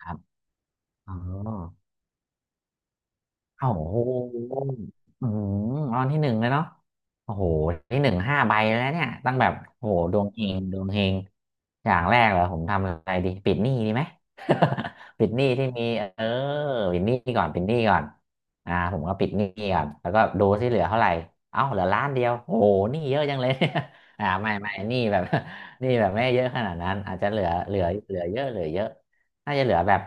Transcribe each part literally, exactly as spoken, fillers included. ครับอ๋อโอ้โหอืมรางวัลที่หนึ่งเลยเนาะโอ้โหที่หนึ่งห้าใบแล้วเนี่ย ตั้งแบบโอ้โหดวงเฮงดวงเฮง อย่างแรกเหรอผมทำอะไรดีปิดหนี้ดีไหม ปิดหนี้ที่มีเออปิดหนี้ก่อนปิดหนี้ก่อนอ่าผมก็ปิดหนี้ก่อนแล้วก็ดูที่เหลือเท่าไหร่เอ้าเหลือล้านเดียวโอ้โหหนี้เยอะจังเลย อ่าไม่ไม่หนี้แบบ หนี้แบบไม่เยอะขนาดนั้นอาจจะเหลือเหลือเหลือเยอะเหลือเยอะน่าจะเหลือแบบ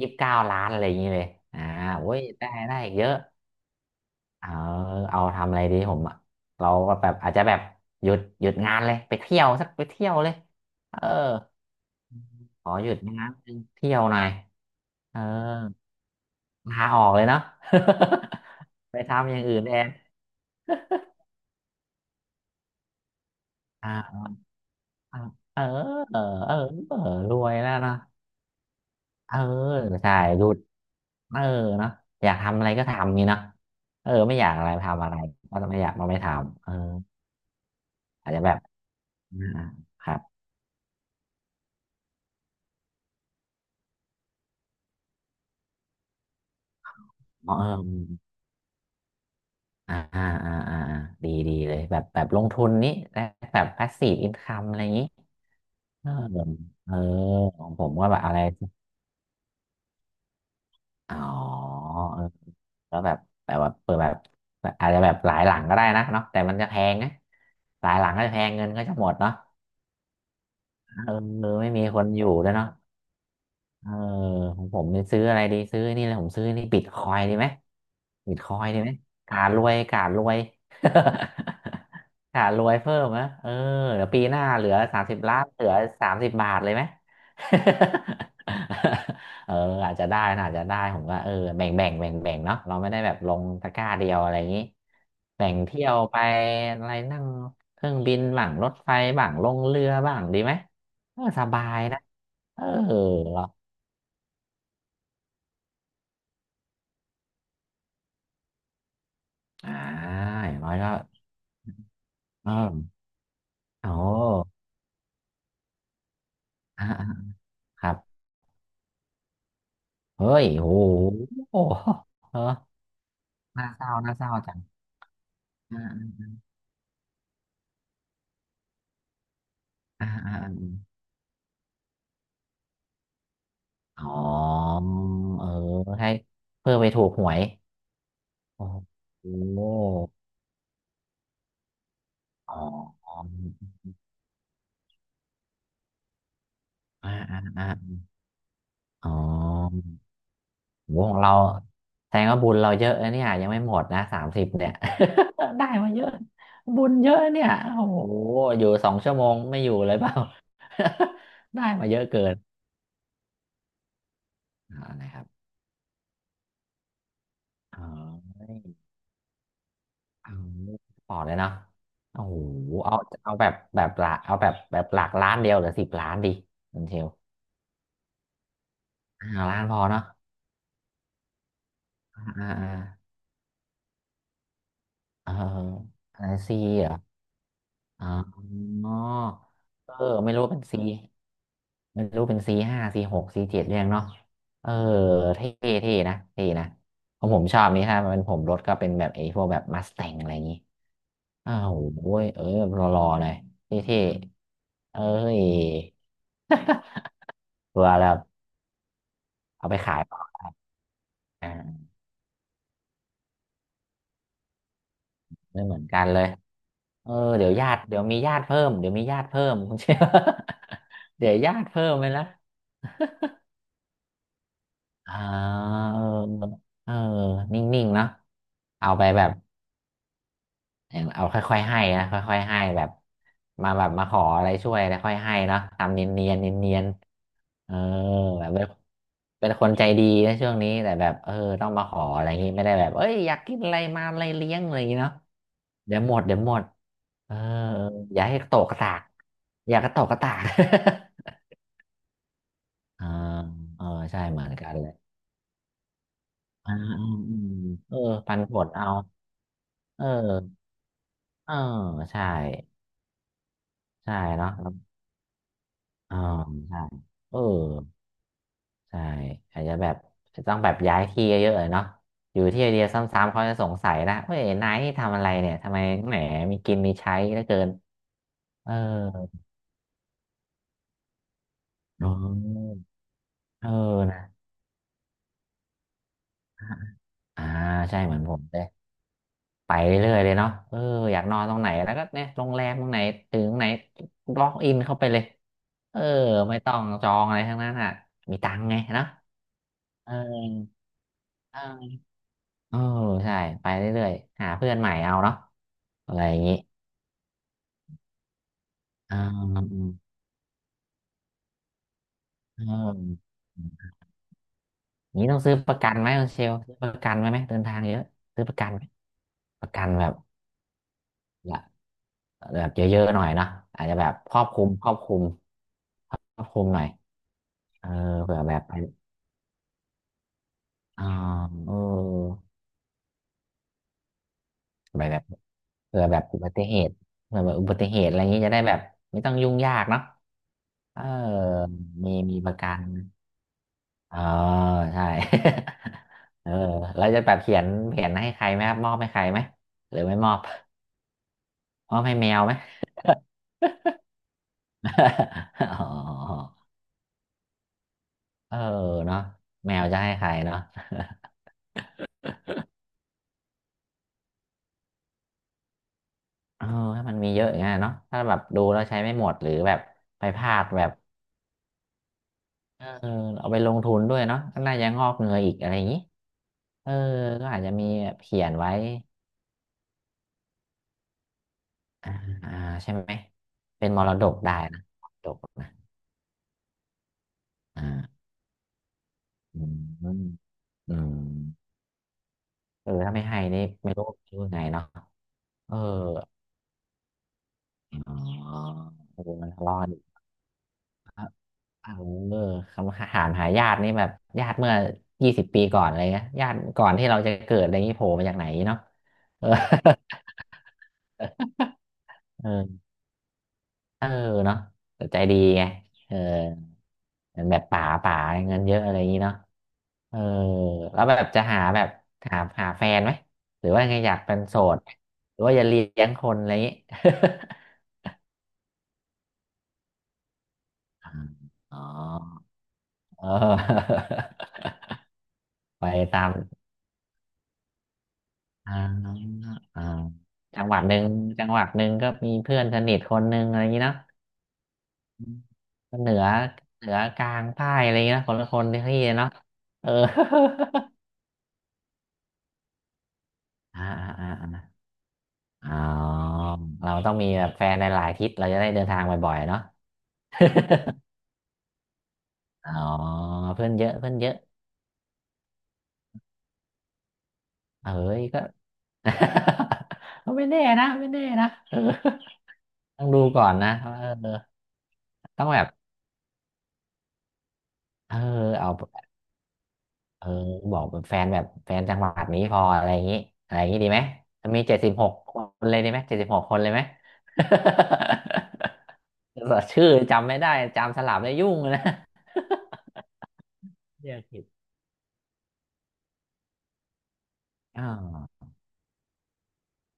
ยี่สิบเก้าล้านอะไรอย่างนี้เลยอ่าโอ้ยได้ได้อีกเยอะเออเอาทำอะไรดีผมอะเราก็แบบอาจจะแบบหยุดหยุดงานเลยไปเที่ยวสักไปเที่ยวเลยเออ ขอหยุดนะเที่ยวหน่อยเออลาออกเลยเนาะ ไปทำอย่างอื่นแทน อ่าอ่าเออเออเออเออรวยแล้วเนาะเออใช่หยุดเออเนาะอยากทำอะไรก็ทำงี้เนาะเออไม่อยากอะไรทำอะไรก็จะไม่อยากก็ไม่ทำเอออาจจะแบบอ่าครับเอออืม่าอ่าอ่าอ่าอ่าดีดีเลยแบบแบบลงทุนนี้แบบ แพสซีฟ อินคัม อะไรอย่างนี้เออเออของผมก็แบบอะไร อ๋อเออแล้วแบบแต่ว่าเปิดแบบแบบอาจจะแบบหลายหลังก็ได้นะเนาะแต่มันจะแพงนะหลายหลังก็จะแพงเงินก็จะหมดเนาะเออไม่มีคนอยู่ด้วยเนาะ เออของผมเนี่ยซื้ออะไรดีซื้อนี่เลยผมซื้อนี่บิตคอยดีไหมบิตคอยดีไหมการรวยการรวย การรวยเพิ่มนะเออเดี๋ยวปีหน้าเหลือสามสิบล้านเหลือสามสิบบาทเลยไหม เอออาจจะได้นะอาจจะได้ผมก็เออแบ่งแบ่งแบ่งแบ่งเนาะเราไม่ได้แบบลงตะกร้าเดียวอะไรอย่างนี้แบ่งเที่ยวไปอะไรนั่งเครื่องบินบ้างรถไฟบ้างลงเรือบ้างดีไหมเออสบายนะเออ อ่าอย่างน้อยก็เออโอ้อ่าอ่าครับเฮ้ยโอ้โหโอ้โหเออน่าเศร้าน่าเศร้าจังอ่าอ่าอ่าอาอ๋อเออให้เพื่อไปถูกหวยโอ้โหอ๋ออออ่าอ่าอ่าอ๋อ โหของเราแสดงว่าบุญเราเยอะนะเนี่ยยังไม่หมดนะสามสิบเนี่ย ได้มาเยอะบุญเยอะเนี่ยโอ้โหอยู่สองชั่วโมงไม่อยู่เลยเปล่า ได้มาเยอะเกินอ่านะครับออเอาปอดเลยเนาะโอ้โหเอาเอาแบบแบบหลักเอาแบบแบบหลักล้านเดียวหรือสิบล้านดีคุณเชลอ่าล้านพอเนาะอ่าอ่าอ่าเอออะไรซีเหรออ๋อเออไม่รู้เป็นซี ไม่รู้เป็น ซี ห้า ซี หก ซี เจ็ดเรียงเนาะเออเท่เท่นะเท่นะของผมชอบนี้ครับมันผมรถก็เป็นแบบไอ้พวกแบบมัสแตงอะไรอย่างนี้อ้าวโอ้ยเออรอรอหน่อยเท่เท่เอ้ย ตัวแล้วเอาไปขายอ่าไม่เหมือนกันเลยเออเดี๋ยวญาติเดี๋ยวมีญาติเพิ่มเดี๋ยวมีญาติเพิ่ม คุณเชื่อ เดี๋ยวญาติเพิ่มไปละ อ่าเออเออนิ่งๆเนาะเอาไปแบบ ยังเอาค่อยๆให้นะค่อยๆให้แบบมาแบบมาขออะไรช่วยแล้วค่อยให้เนาะทำเนียนเนียนเนียนเนียนๆเออแบบเป็นเป็นคนใจดีนะช่วงนี้แต่แบบเออต้องมาขออะไรอย่างงี้ไม่ได้แบบเอ้ยอยากกินอะไรมาอะไรเลี้ยงอะไรอย่างงี้เนาะเดี๋ยวหมดเดี๋ยวหมดเออเอออย่าให้ตกกระตากอย่ากระตกกระตาก อ่าเออใช่เหมือนกันเลยอ่าอืมอืมเออปันผลเอาเออเออใช่ใช่เนาะเออใช่เออ ใช่อาจจะแบบจะต้องแบบย้ายที่เยอะๆเลยเนาะอยู่ที่ไอเดียวซ้ำๆเขาจะสงสัยละเฮ้ยไอ้นายนี่ทำอะไรเนี่ยทำไมแหมมีกินมีใช้เหลือเกินเอออ๋อเออนะอ่าใช่เหมือนผมเลยไปเรื่อยๆเลยเนาะเอออยากนอนตรงไหนแล้วก็เนี่ยโรงแรมตรงไหนถึงไหนล็อกอินเข้าไปเลยเออไม่ต้องจองอะไรทั้งนั้นอ่ะมีตังค์ไงเนาะเออเออเออใช่ไปเรื่อยๆหาเพื่อนใหม่เอาเนาะอะไรอย่างนี้อ่า เออนี้ต้องซื้อประกันไหมคุณเชลซื้อประกันไหมไหมเดินทางเยอะซื้อประกันไหมประกันแบบละแบบเยอะๆหน่อยเนาะอาจจะแบบครอบคลุมครอบคลุมครอบคลุมหน่อยเออเผื่อแบบไปอ่าเออไปแบบเผื่อแบบอุบัติเหตุเผื่อแบบอุบัติเหตุอะไรอย่างนี้จะได้แบบไม่ต้องยุ่งยากเนาะเออมีมีประกันเออใช่ เออแล้วจะแบบเขียนเขียนให้ใครไหมครับมอบให้ใครไหมหรือไม่มอบ อ้อมให้แมวไหม อ๋อเออเนาะแมวจะให้ใครเนาะเออถ้ามันมีเยอะอย่างเงี้ยเนาะถ้าแบบดูแล้วใช้ไม่หมดหรือแบบไปพลาดแบบเออเอาไปลงทุนด้วยเนาะก็น่าจะงอกเงยอีกอะไรอย่างนี้เออก็อาจจะมีแบบเขียนไว้อ่าอ่าใช่ไหมเป็นมรดกได้นะมรดกนะอ่าอืมอืมเออถ้าไม่ให้นี่ไม่รู้ไม่รู้ไงเนาะเอออ๋อเออมันทะเลาะกันอีก เออคำถามหาญาตินี่แบบญาติเมื่อยี่สิบปีก่อนอะไรเงี้ยญาติก่อนที่เราจะเกิดอะไรงี้โผล่มาจากไหนเนาะเออ เออเออเนาะแต่ใจดีไงเออเหมือนแบบป๋าป๋าเงินเยอะอะไรอย่างนี้เนาะเออแล้วแบบจะหาแบบหาหาแฟนไหมหรือว่าไงอยากเป็นโสดหหรือว่าจะเลี้ยงคนอะไรอย่างนี้ อ๋อเออ ไปตาม อ่าอ่าจังหวัดหนึ่งจังหวัดหนึ่งก็มีเพื่อนสนิทคนหนึ่งอะไรอย่างนี้เนาะอืมก็เหนือเหนือกลางใต้อะไรอย่างนี้นะคนละคนที่เนาะเออ อ่าอ่าอ่าอ๋อเราต้องมีแบบแฟนในหลายๆทิศเราจะได้เดินทางบ่อยๆเนาะ อ๋อเพื่อนเยอะเพื่อนเยอะเอ้ยก็ ก็ไม่แน่นะไม่แน่นะเออต้องดูก่อนนะว่าเออต้องแบบเออเอา เออบอกแบบแฟนแบบแฟนจังหวัดนี้พออะไรอย่างนี้อะไรอย่างนี้ดีไหมถ้ามีเจ็ดสิบหกคนเลยดีไหมเจ็ดสิบหกคนเลยไหม แต่ ชื่อจำไม่ได้จำสลับได้ยุ่งเลยนะเรียกผิดอ่าว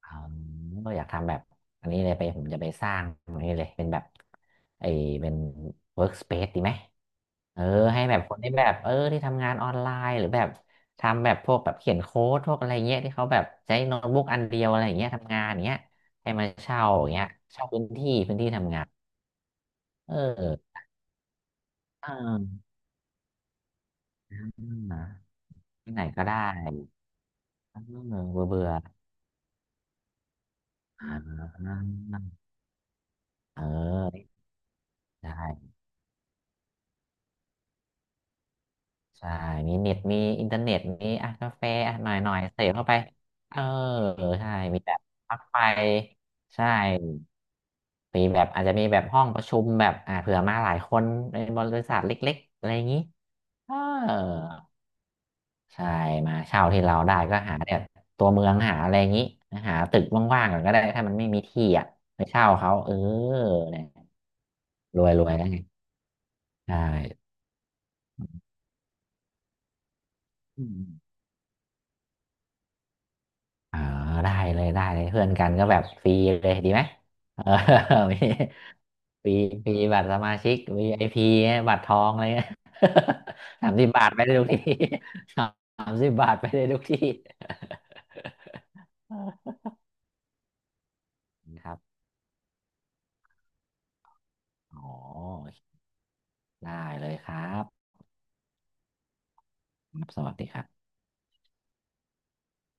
อ๋ออยากทำแบบอันนี้เลยไปผมจะไปสร้างอันนี้เลยเป็นแบบไอ้เป็น workspace ดีไหมเออให้แบบคนที่แบบเออที่ทำงานออนไลน์หรือแบบทำแบบพวกแบบเขียนโค้ดพวกอะไรเงี้ยที่เขาแบบใช้โน้ตบุ๊กอันเดียวอะไรอย่างเงี้ยทำงานอย่างเงี้ยให้มาเช่าอย่างเงี้ยเช่าพื้นที่พื้นที่ทำงานเอออ่าที่ไหนก็ได้เออเบื่อเบื่ออ่าเออได้ ใช่มีเน็ต มีอินเทอร์เน็ต มีอ่ะกาแฟอ่ะหน่อยหน่อยเสพเข้าไปเออใช่มีแบบพักไปใช่มีแบบอาจจะมีแบบห้องประชุมแบบอ่าเผื่อมาหลายคนในบริษัทเล็กๆอะไรอย่างนี้เออใช่มาเช่าที่เราได้ก็หาแบบตัวเมืองหาอะไรอย่างนี้ หาตึกว่างๆก่อนก็ได้ถ้ามันไม่มีที่อ่ะไปเช่าเขาเออเนี่ยรวยๆแล้วไงใช่ อ๋อได้เลยได้เลยเพื่อนกันก็แบบฟรีเลยดีไหม เออมีฟรีฟรีบัตรสมาชิก วี ไอ พี อพีบัตรทองอะไรเงี้ย สามสิบบาทไปได้ทุกที่ สามสิบบาทไปได้ทุกที่ ครับอ๋อได้เลยครับสวัสดีครับ